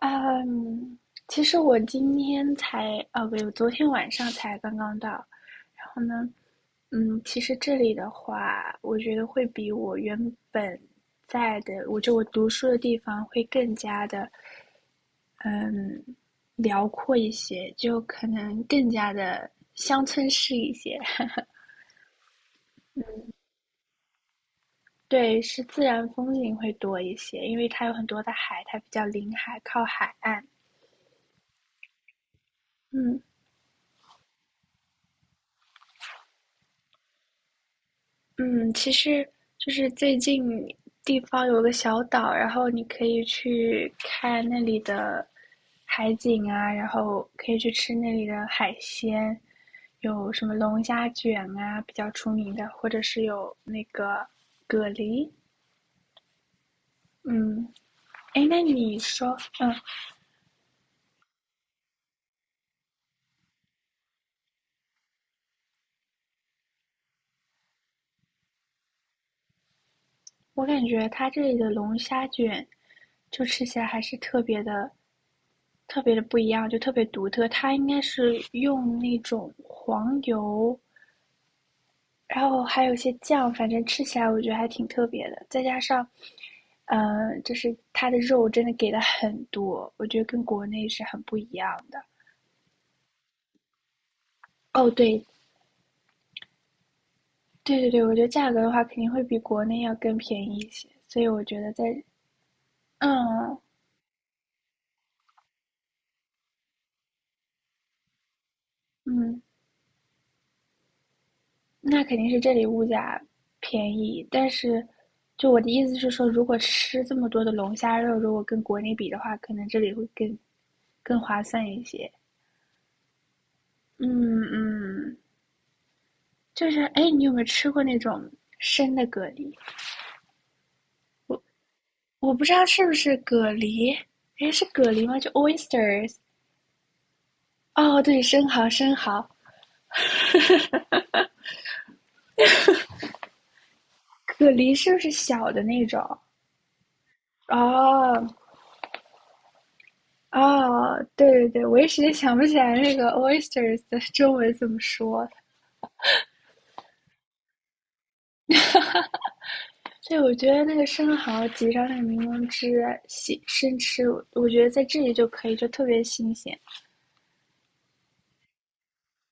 嗯，其实我今天才，呃，不，我昨天晚上才刚刚到。然后呢，嗯，其实这里的话，我觉得会比我原本在的，我读书的地方会更加的辽阔一些，就可能更加的乡村式一些。对，是自然风景会多一些，因为它有很多的海，它比较临海，靠海岸。嗯，嗯，其实就是最近地方有个小岛，然后你可以去看那里的海景啊，然后可以去吃那里的海鲜，有什么龙虾卷啊，比较出名的，或者是有那个蛤蜊。嗯，哎，那你说，嗯，我感觉它这里的龙虾卷就吃起来还是特别的、特别的不一样，就特别独特。它应该是用那种黄油。然后还有一些酱，反正吃起来我觉得还挺特别的。再加上，就是它的肉真的给的很多，我觉得跟国内是很不一样的。哦，对，对对对，我觉得价格的话肯定会比国内要更便宜一些，所以我觉得在，嗯嗯，那肯定是这里物价便宜，但是。就我的意思是说，如果吃这么多的龙虾肉，如果跟国内比的话，可能这里会更划算一些。嗯嗯，就是哎，你有没有吃过那种生的蛤蜊？我我不知道是不是蛤蜊，哎，是蛤蜊吗？就 oysters。哦，对，生蚝，生蚝，蛤蜊是不是小的那种？哦哦，对对对，我一时间想不起来那个 oysters 的中文怎么说。所以我觉得那个生蚝挤上那个柠檬汁，洗生吃，我觉得在这里就可以，就特别新鲜。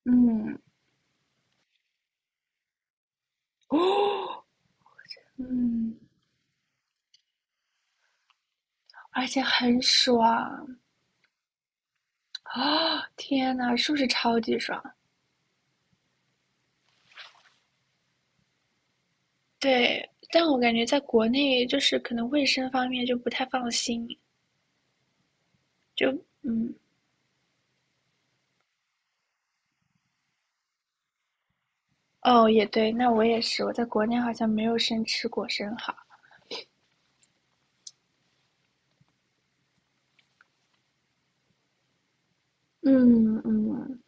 嗯，哦，嗯，而且很爽。啊，天呐，是不是超级爽？对，但我感觉在国内就是可能卫生方面就不太放心，就嗯哦，也对，那我也是，我在国内好像没有生吃过生蚝。嗯嗯，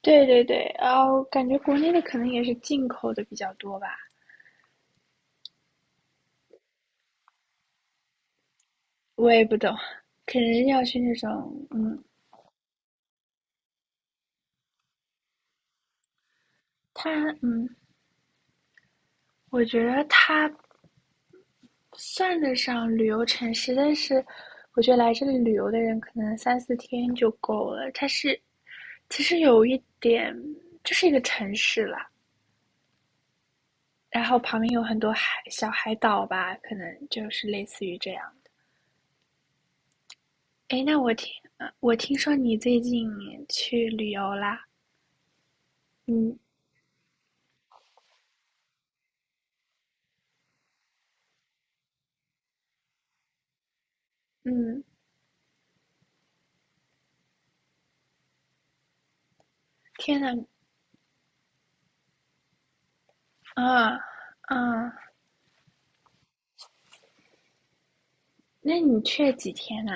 对对对，然后感觉国内的可能也是进口的比较多吧，我也不懂，可能要去那种嗯，它嗯，我觉得它算得上旅游城市，但是我觉得来这里旅游的人可能三四天就够了。它是其实有一点，就是一个城市啦，然后旁边有很多海小海岛吧，可能就是类似于这样的。哎，那我听我听说你最近去旅游啦？嗯嗯，天呐，啊啊，那你去了几天呐？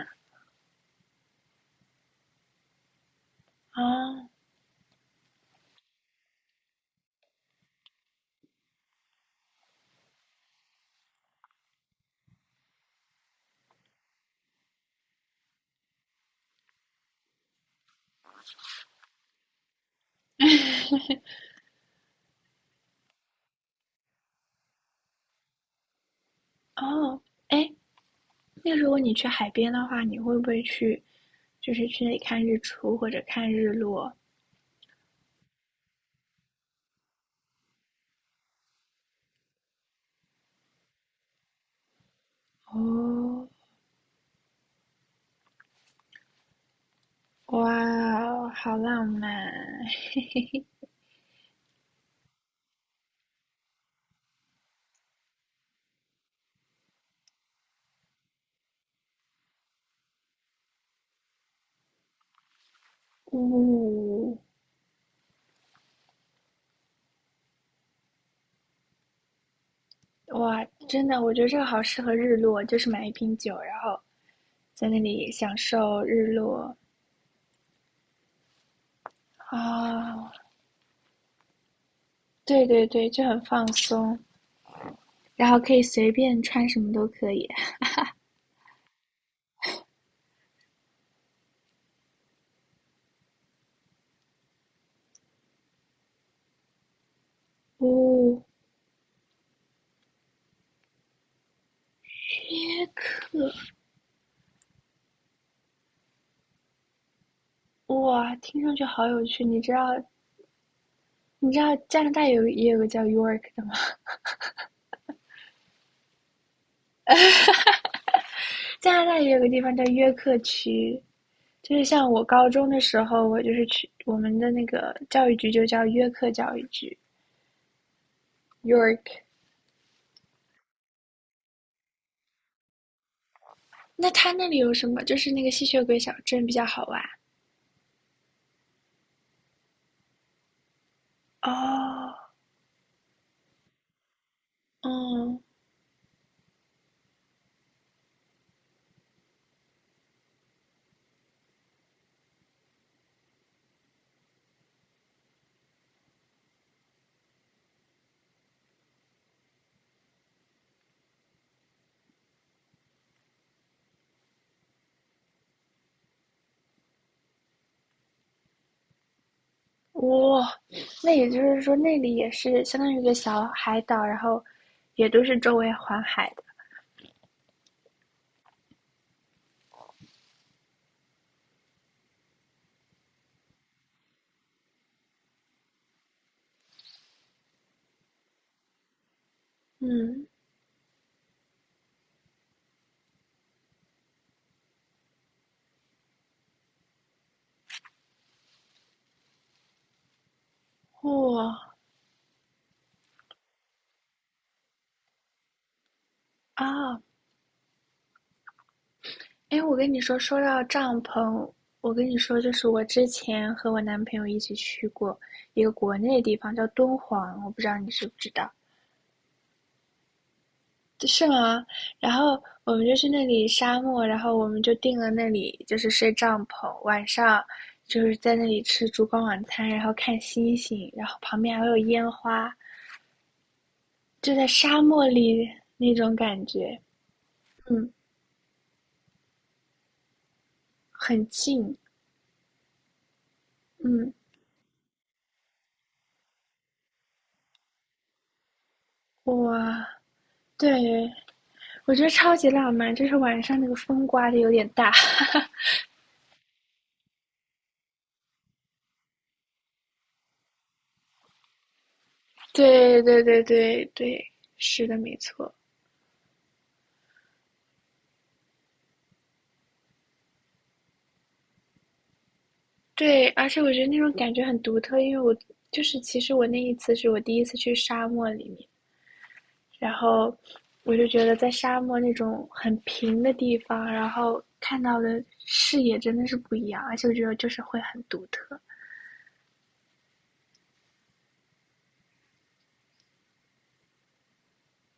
啊哦，哦哎，那如果你去海边的话，你会不会去，就是去那里看日出或者看日落？哦，哇哦好浪漫！呜、哇，真的，我觉得这个好适合日落，就是买一瓶酒，然后在那里享受日落啊、对对对，就很放松，然后可以随便穿什么都可以。呜、约克，哇，听上去好有趣。你知道，你知道加拿大有也有个叫 York 的吗？加拿大也有个地方叫约克区，就是像我高中的时候，我就是去我们的那个教育局就叫约克教育局（ （York）。那它那里有什么？就是那个吸血鬼小镇比较好玩哦。嗯，哇，哦那也就是说那里也是相当于一个小海岛，然后也都是周围环海的。嗯，哇哦啊，哦哎，我跟你说，说到帐篷，我跟你说，就是我之前和我男朋友一起去过一个国内的地方，叫敦煌，我不知道你知不知道，是吗？然后我们就去那里沙漠，然后我们就定了那里，就是睡帐篷，晚上就是在那里吃烛光晚餐，然后看星星，然后旁边还会有烟花，就在沙漠里那种感觉，嗯，很近，嗯，哇，对。我觉得超级浪漫，就是晚上那个风刮的有点大。对对对对对，是的，没错。对，而且我觉得那种感觉很独特，因为我就是其实我那一次是我第一次去沙漠里面，然后我就觉得在沙漠那种很平的地方，然后看到的视野真的是不一样，而且我觉得就是会很独特。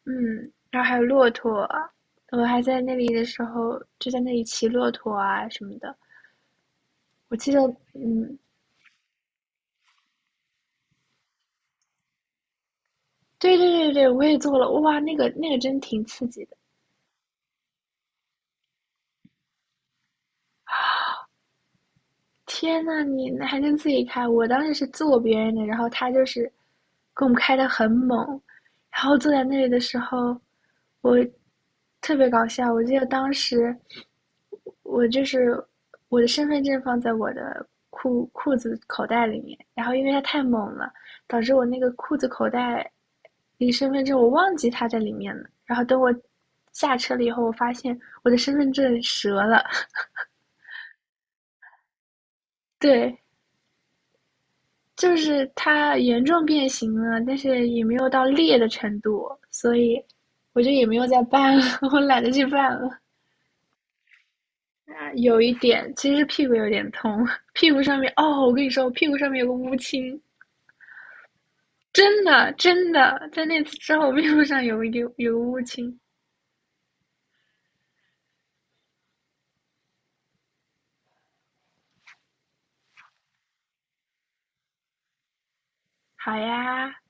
嗯，然后还有骆驼，我还在那里的时候就在那里骑骆驼啊什么的。我记得，嗯，对对对对，我也做了，哇，那个真挺刺激的！天呐，你那还能自己开？我当时是坐别人的，然后他就是给我们开的很猛，然后坐在那里的时候特别搞笑。我记得当时我就是我的身份证放在我的裤子口袋里面，然后因为它太猛了，导致我那个裤子口袋离身份证我忘记它在里面了。然后等我下车了以后，我发现我的身份证折了，对。就是它严重变形了，但是也没有到裂的程度，所以我就也没有再办了，我懒得去办了。啊有一点，其实屁股有点痛，屁股上面哦，我跟你说，我屁股上面有个乌青，真的真的，在那次之后，屁股上有个乌青。好呀，